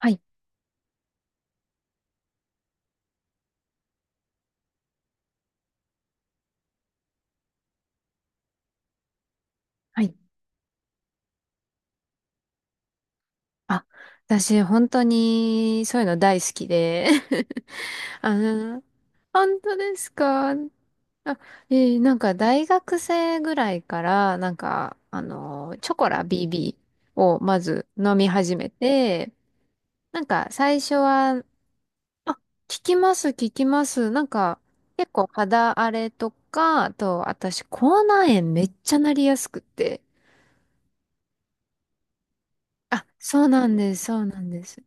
はい、はい。あ、私、本当に、そういうの大好きで。あの、本当ですか？あ、大学生ぐらいから、チョコラ BB をまず飲み始めて、最初は、効きます、効きます。結構肌荒れとか、あと、私、口内炎めっちゃなりやすくて。あ、そうなんです、そうなんです。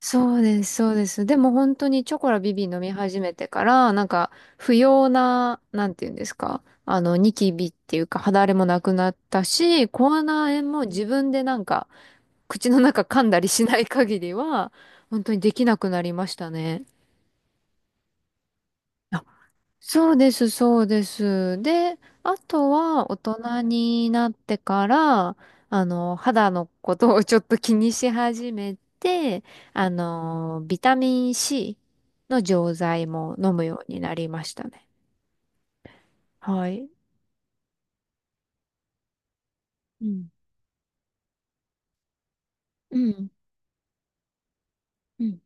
そうです、そうです。でも本当にチョコラビビ飲み始めてから、不要な、なんていうんですか、あの、ニキビっていうか肌荒れもなくなったし、口内炎も自分で口の中噛んだりしない限りは、本当にできなくなりましたね。そうです、そうです。で、あとは大人になってから、あの、肌のことをちょっと気にし始めて、あの、ビタミン C の錠剤も飲むようになりましたね。はい。うん。うん。うん。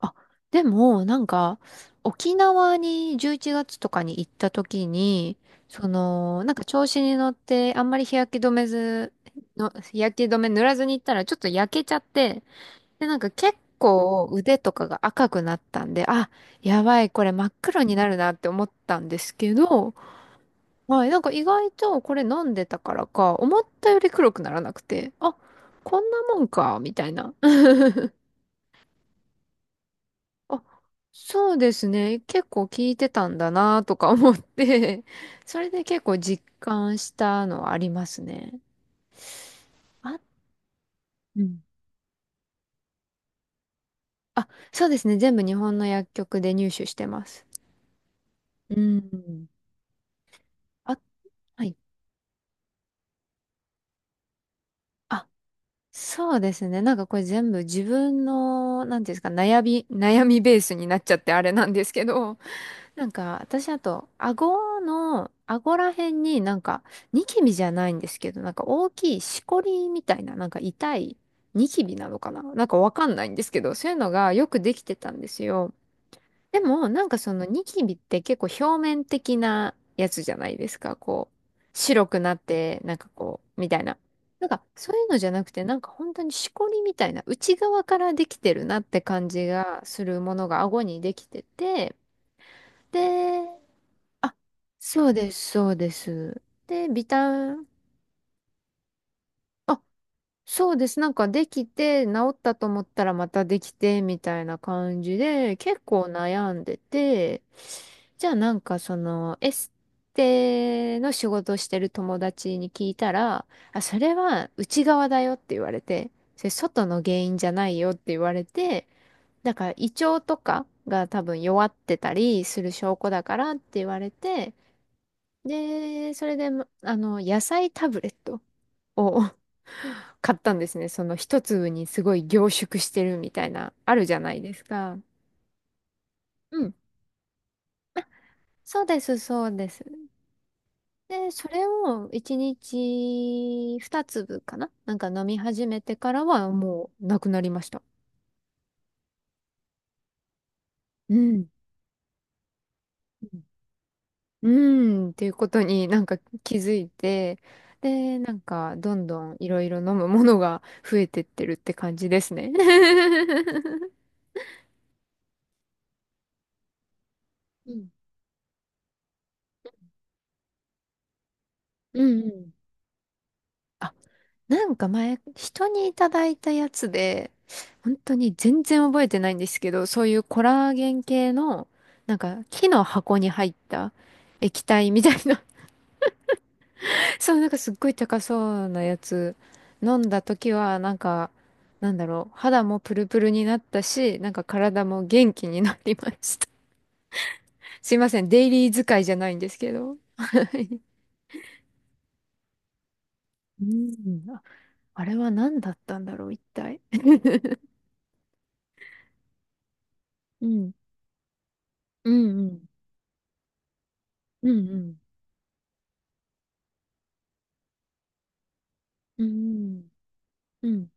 あでも、なんか、沖縄に11月とかに行った時に、その、なんか調子に乗って、あんまり日焼け止め塗らずに行ったら、ちょっと焼けちゃって、で、なんか結構腕とかが赤くなったんで、あ、やばい、これ真っ黒になるなって思ったんですけど、はい、なんか意外とこれ飲んでたからか、思ったより黒くならなくて、あ、こんなもんか、みたいな。あ、そうですね。結構聞いてたんだなとか思って、それで結構実感したのはありますね。あ、うん。あ、そうですね。全部日本の薬局で入手してます。うん。あ、はい。あ、そうですね。なんかこれ全部自分の、なんていうんですか、悩みベースになっちゃってあれなんですけど、なんか、私あと、顎ら辺になんか、ニキビじゃないんですけど、なんか大きいしこりみたいな、なんか痛いニキビなのかな、なんかわかんないんですけど、そういうのがよくできてたんですよ。でも、なんかそのニキビって結構表面的なやつじゃないですか。こう、白くなって、なんかこう、みたいな。なんか、そういうのじゃなくて、なんか本当にしこりみたいな、内側からできてるなって感じがするものが顎にできてて、で、あそうです、そうです。で、ビタン、あ、そうです。なんかできて、治ったと思ったらまたできて、みたいな感じで、結構悩んでて、じゃあなんかその、エステの仕事をしてる友達に聞いたら、あ、それは内側だよって言われて、それ外の原因じゃないよって言われて、だから胃腸とかが多分弱ってたりする証拠だからって言われて、で、それで、まあの、野菜タブレットを 買ったんですね。その一粒にすごい凝縮してるみたいな、あるじゃないですか。うん。あ、そうです、そうです。で、それを一日二粒かな、なんか飲み始めてからはもうなくなりました。うん。うん、うんっていうことになんか気づいて、で、なんかどんどんいろいろ飲むものが増えてってるって感じですね。うんうんうん。あ、なんか前、人にいただいたやつで、本当に全然覚えてないんですけど、そういうコラーゲン系の、なんか木の箱に入った液体みたいな。 そう、なんかすっごい高そうなやつ飲んだ時は、なんか、なんだろう、肌もプルプルになったし、なんか体も元気になりました。すいません、デイリー使いじゃないんですけど。はい。 うん、ああれは何だったんだろう、一体。うんうんうん。うんうん。うんうん。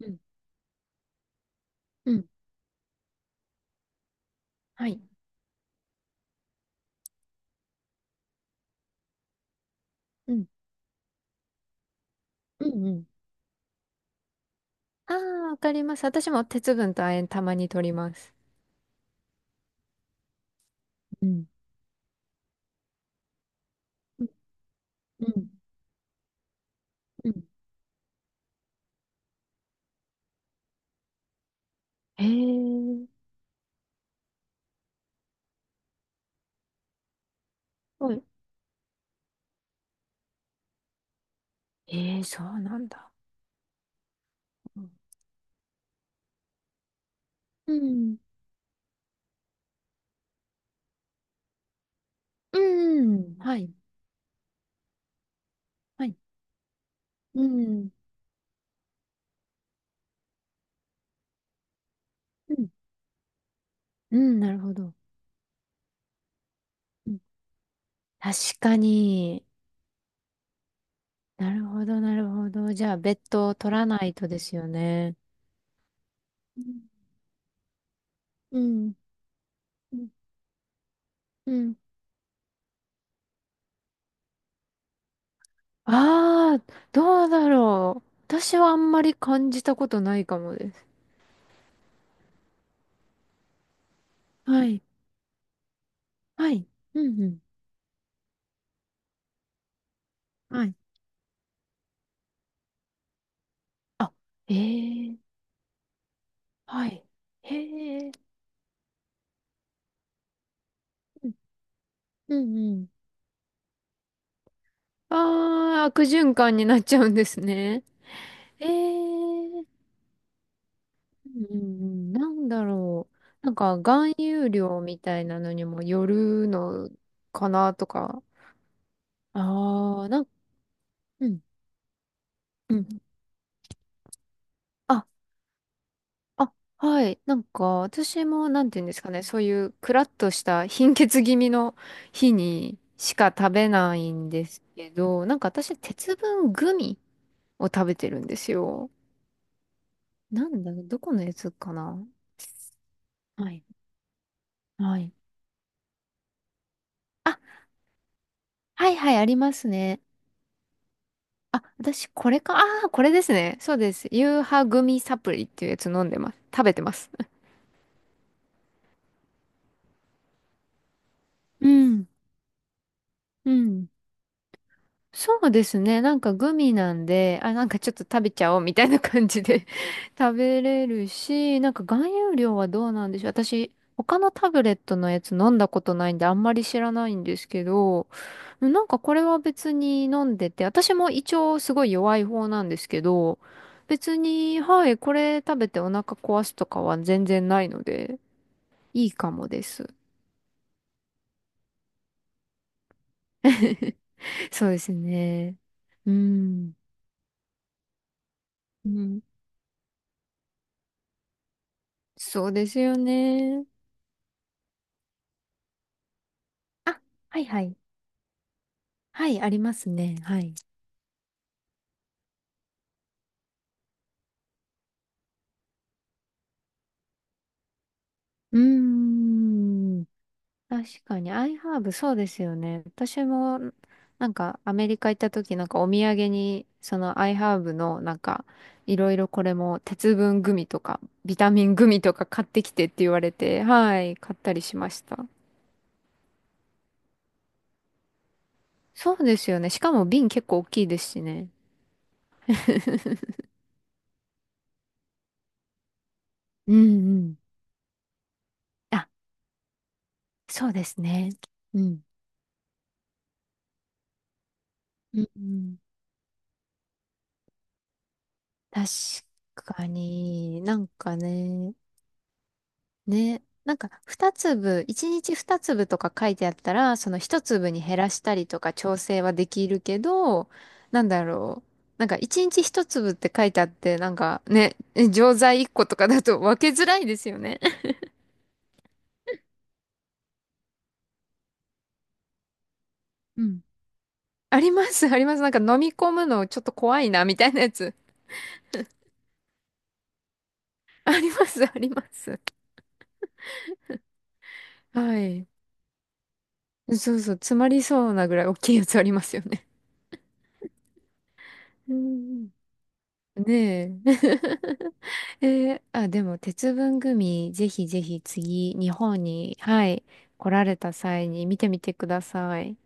うん。うん。はい。うん。うんうん。ああ、わかります。私も鉄分と亜鉛たまに取ります。うん。うん。うんうん。へえ。はい。ええ、そうなんだ。うんうん。はい。はい。うん。うん。うん。なるほど。うん。確かに。なるほど、なるほど。じゃあ、別途取らないとですよね。うん。うん。うん。ああ、どうだろう。私はあんまり感じたことないかもです。はい。はい。うんうん。はい。あ、ええ、はい。へえ。うんうんうん。ああ、悪循環になっちゃうんですね。ええ、うんうんうん。なんだろう。なんか含有量みたいなのにもよるのかなとか。ああ、なん、うん。うん。ああ、はい。なんか、私も、なんていうんですかね、そういう、クラッとした貧血気味の日にしか食べないんですけど、なんか私、鉄分グミを食べてるんですよ。なんだ、どこのやつかな？はい。はい。あ、はいはい、ありますね。あ、私、これか。ああ、これですね。そうです。ユーハグミサプリっていうやつ飲んでます。食べてます。うん。うん。そうですね。なんかグミなんで、あ、なんかちょっと食べちゃおうみたいな感じで 食べれるし、なんか含有量はどうなんでしょう。私、他のタブレットのやつ飲んだことないんであんまり知らないんですけど、なんかこれは別に飲んでて、私も胃腸すごい弱い方なんですけど、別に、はい、これ食べてお腹壊すとかは全然ないので、いいかもです。そうですね。うん。うん。そうですよね。あ、はいはい。はい、ありますね。はい。うーん。確かに、アイハーブ、そうですよね。私も、なんか、アメリカ行った時、なんか、お土産に、その、アイハーブの、なんか、いろいろこれも、鉄分グミとか、ビタミングミとか買ってきてって言われて、はい、買ったりしました。そうですよね。しかも、瓶結構大きいですしね。うんうん。あ、そうですね。うん。うんうん。確かに、なんかね。ね。なんか、二粒、一日二粒とか書いてあったら、その一粒に減らしたりとか調整はできるけど、なんだろう。なんか、一日一粒って書いてあって、なんかね、え、錠剤一個とかだと分けづらいですよね。うん。あります、あります。なんか飲み込むのちょっと怖いな、みたいなやつ。あります、あります。はい。そうそう、詰まりそうなぐらい大きいやつありますよね。うんうん。ねえ。えー、あ、でも、鉄分グミ、ぜひぜひ次、日本に、はい、来られた際に見てみてください。